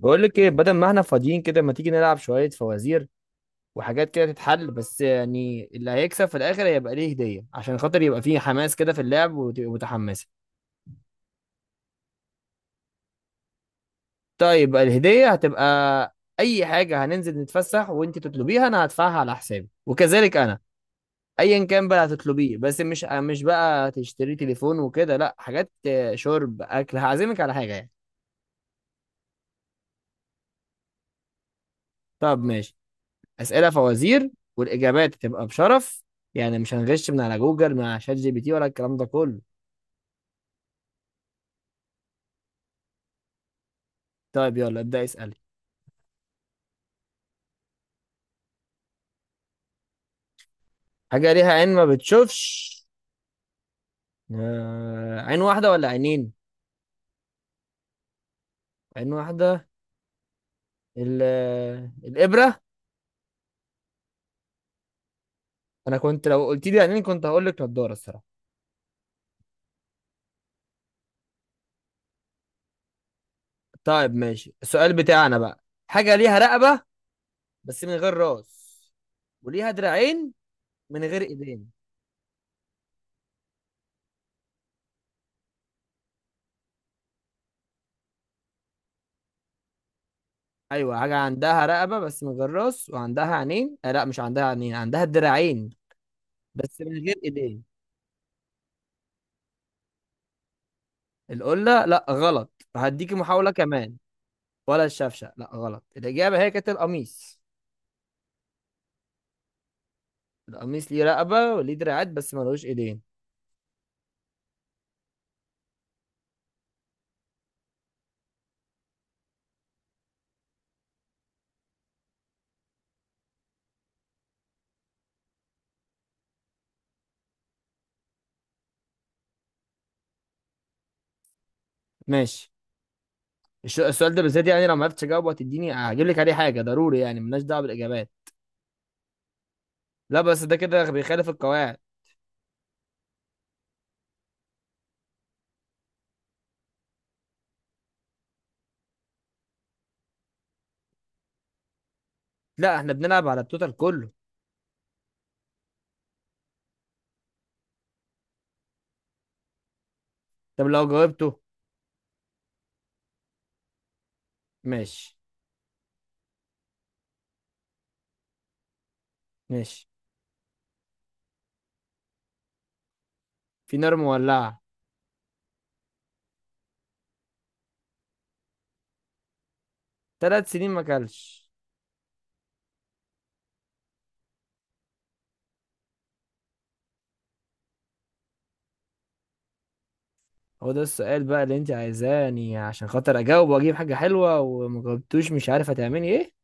بقول لك ايه، بدل ما احنا فاضيين كده، ما تيجي نلعب شوية فوازير وحاجات كده تتحل؟ بس يعني اللي هيكسب في الاخر هيبقى ليه هدية، عشان خاطر يبقى فيه حماس كده في اللعب وتبقى متحمسة. طيب بقى الهدية هتبقى اي حاجة، هننزل نتفسح وانت تطلبيها، انا هدفعها على حسابي. وكذلك انا، ايا كان بقى هتطلبيه، بس مش بقى تشتري تليفون وكده، لا حاجات، شرب اكل، هعزمك على حاجة يعني. طب ماشي. اسئله فوازير، والاجابات تبقى بشرف، يعني مش هنغش من على جوجل مع شات GPT ولا الكلام ده كله. طيب يلا ابدا اسالي. حاجه ليها عين ما بتشوفش. عين واحده ولا عينين؟ عين واحده. ال... الابره. انا كنت لو قلت لي عينين كنت هقول لك نضاره الصراحه. طيب ماشي، السؤال بتاعنا بقى: حاجه ليها رقبه بس من غير راس، وليها دراعين من غير ايدين. ايوه، حاجه عندها رقبه بس من غير راس وعندها عينين، آه لا، مش عندها عينين، عندها دراعين بس من غير ايدين. القلة؟ لا غلط، هديكي محاولة كمان. ولا الشفشة؟ لا غلط. الإجابة هي كانت القميص. القميص ليه رقبة وليه دراعات بس ملوش ايدين. ماشي. السؤال ده بالذات، يعني لو ما عرفتش اجاوبه هتديني، هجيب لك عليه حاجة ضروري؟ يعني ملناش دعوة بالإجابات. لا بس ده كده بيخالف القواعد. لا احنا بنلعب على التوتال كله. طب لو جاوبته؟ ماشي. ماشي. في نار مولعة. 3 سنين ما كلش. هو ده السؤال بقى اللي انت عايزاني عشان خاطر اجاوب واجيب حاجة حلوة، وما جاوبتوش مش عارف هتعملي ايه.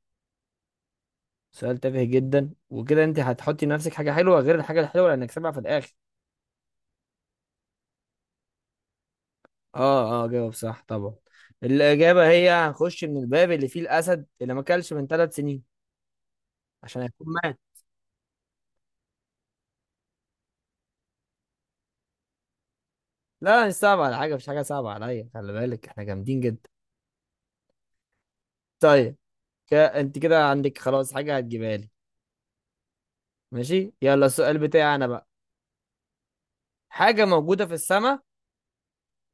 سؤال تافه جدا، وكده انت هتحطي لنفسك حاجة حلوة غير الحاجة الحلوة اللي هنكسبها في الاخر. اه اه، جاوب صح طبعا. الاجابة هي هنخش من الباب اللي فيه الاسد اللي ما اكلش من 3 سنين، عشان هيكون مات. لا مش صعب على حاجة، مش حاجة صعبة عليا، خلي بالك احنا جامدين جدا. طيب. انت كده عندك خلاص حاجة هتجيبها لي. ماشي، يلا السؤال بتاعي انا بقى. حاجة موجودة في السماء،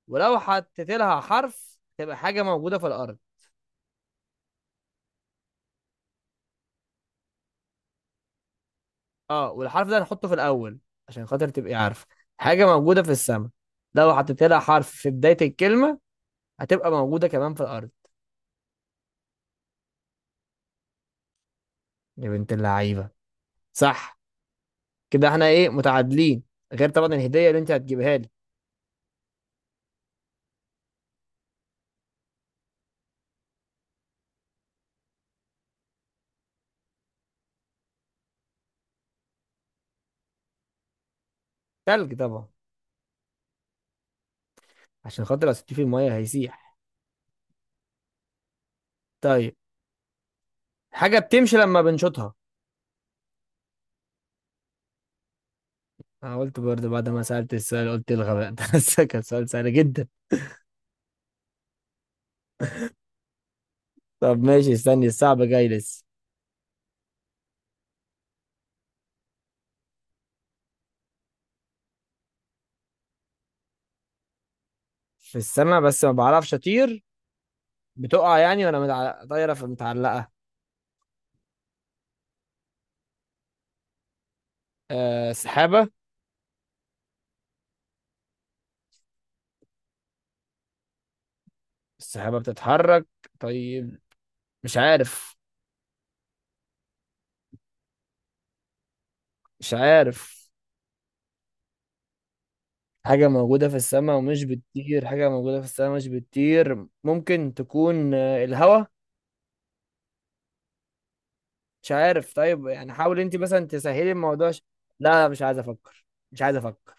ولو حطيت لها حرف تبقى حاجة موجودة في الأرض. اه، والحرف ده هنحطه في الأول، عشان خاطر تبقي عارفة. حاجة موجودة في السماء، لو حطيت لها حرف في بداية الكلمة هتبقى موجودة كمان في الأرض. يا بنت اللعيبة! صح. كده احنا ايه، متعادلين، غير طبعا الهدية اللي انت هتجيبها لي. تلج طبعا. عشان خاطر لو سبتيه في المية هيسيح. طيب، حاجة بتمشي لما بنشوطها. انا قلت برضه بعد ما سألت السؤال، قلت الغباء ده بس كان سؤال سهل جدا. طب ماشي، استني الصعب جاي لسه. في السماء بس ما بعرفش اطير. بتقع يعني، وانا طايره في، متعلقه. سحابه. السحابه بتتحرك. طيب، مش عارف، مش عارف. حاجه موجوده في السماء ومش بتطير، حاجه موجوده في السماء مش بتطير، ممكن تكون الهوا. مش عارف. طيب يعني حاول انت مثلا تسهلي الموضوع. لا مش عايز افكر، مش عايز افكر،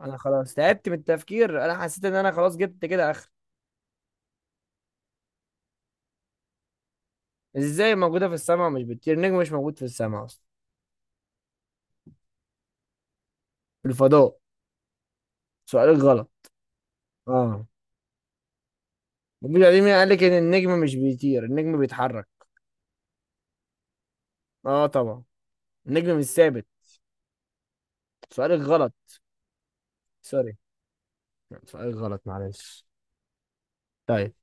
انا خلاص تعبت من التفكير، انا حسيت ان انا خلاص جبت كده اخر. ازاي موجوده في السماء ومش بتطير؟ نجم مش موجود في السماء اصلا. في الفضاء. سؤال غلط. اه. مفيش عليه، مين قال لك ان النجم مش بيطير؟ النجم بيتحرك. اه طبعا، النجم مش ثابت. سؤالك غلط. سوري، سؤالك غلط، معلش. طيب،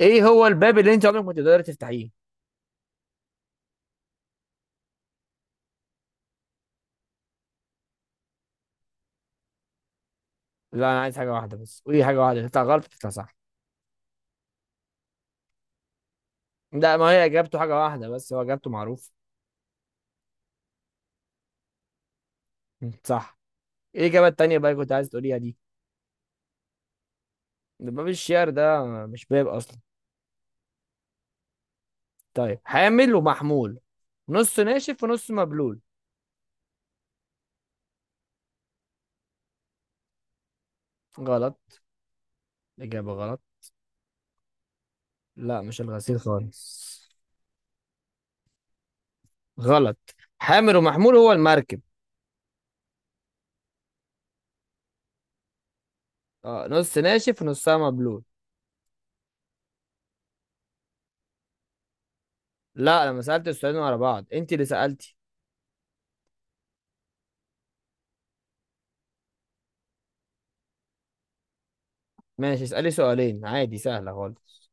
ايه هو الباب اللي انت عمرك ما تقدري تفتحيه؟ لا انا عايز حاجه واحده بس. وايه، حاجه واحده تطلع غلط تطلع صح؟ لا ما هي اجابته حاجه واحده بس، هو اجابته معروف. صح. ايه الاجابه التانيه بقى اللي كنت عايز تقوليها دي؟ ده باب الشعر، ده مش باب اصلا. طيب، حامل ومحمول، نص ناشف ونص مبلول. غلط، اجابه غلط. لا مش الغسيل خالص. غلط، حامل ومحمول هو المركب. اه، نص ناشف ونصها مبلول. لا، لما سألت السؤالين ورا بعض انت اللي سألتي. ماشي اسألي سؤالين عادي، سهلة خالص.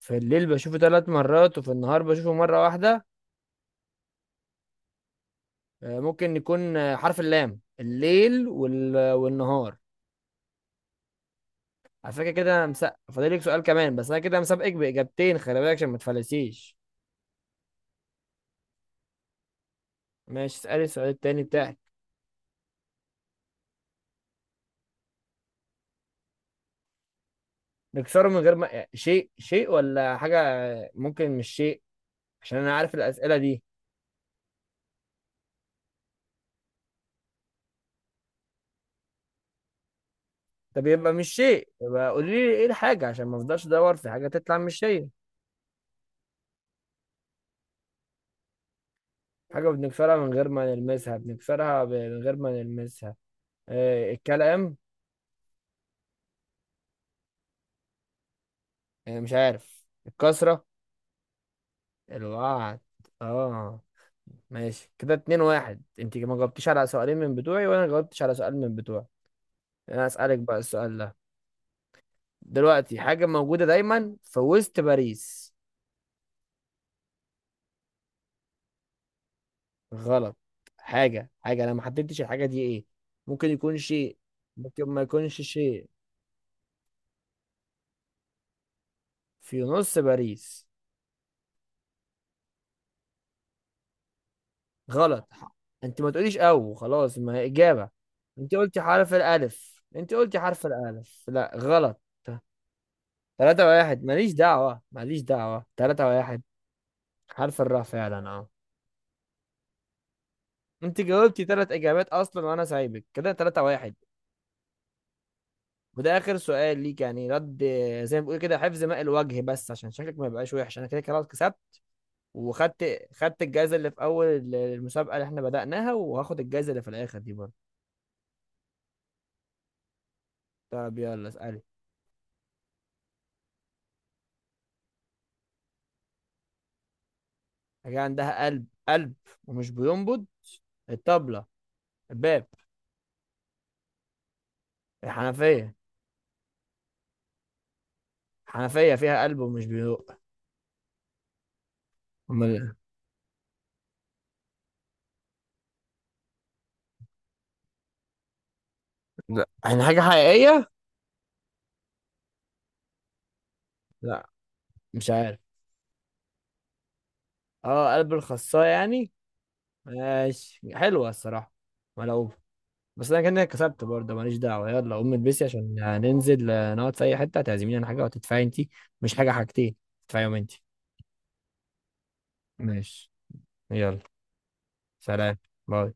في الليل بشوفه 3 مرات وفي النهار بشوفه مرة واحدة. ممكن يكون، حرف اللام، الليل والنهار. على فكرة كده انا مسقف، فاضلك سؤال كمان، بس انا كده مسابقك بإجابتين، خلي بالك عشان ما تفلسيش. ماشي اسألي السؤال التاني بتاعك. نكسره من غير ما، شيء ولا حاجة، ممكن مش شيء، عشان انا عارف الأسئلة دي. طب يبقى مش شيء، يبقى قولي لي ايه الحاجة عشان ما افضلش ادور في حاجة تطلع مش هي. حاجة بنكسرها من غير ما نلمسها، بنكسرها من غير ما نلمسها. الكلام. مش عارف، الكسرة. الوعد. اه. ماشي، كده 2-1، انت ما جاوبتيش على سؤالين من بتوعي، وانا جاوبتش على سؤال من بتوعي. انا اسألك بقى السؤال ده دلوقتي: حاجة موجودة دايما في وسط باريس. غلط. حاجة، انا ما حددتش الحاجة دي ايه، ممكن يكون شيء، ممكن ما يكونش شيء. في نص باريس. غلط، انت ما تقوليش او، خلاص ما هي اجابه. انت قلتي حرف الالف، انت قلتي حرف الالف، لا غلط. 3-1، ماليش دعوة، ماليش دعوة، تلاتة واحد. حرف الراء فعلا، اه. انت جاوبتي 3 اجابات اصلا، وانا سايبك كده 3-1. وده اخر سؤال ليك يعني، رد. زي ما بقول كده، حفظ ماء الوجه، بس عشان شكلك ما يبقاش وحش، انا كده كده خلاص كسبت. وخدت الجايزة اللي في اول المسابقة اللي احنا بدأناها، وهاخد الجايزة اللي في الاخر دي برضه. طب يلا اسألي. حاجة عندها قلب ومش بينبض. الطبلة. الباب. الحنفية. الحنفية فيها قلب ومش بيدق. أمال إيه؟ لا يعني حاجة حقيقية؟ لا، مش عارف. اه، قلب الخصاية يعني. ماشي، حلوة الصراحة، ملعوبة. بس أنا كده كسبت برضه، ماليش دعوة. يلا قوم البسي، عشان ننزل، نقعد في أي حتة، هتعزميني على حاجة وتدفعي أنتي، مش حاجة، حاجتين، تدفعيهم أنتي. ماشي، يلا. سلام. باي.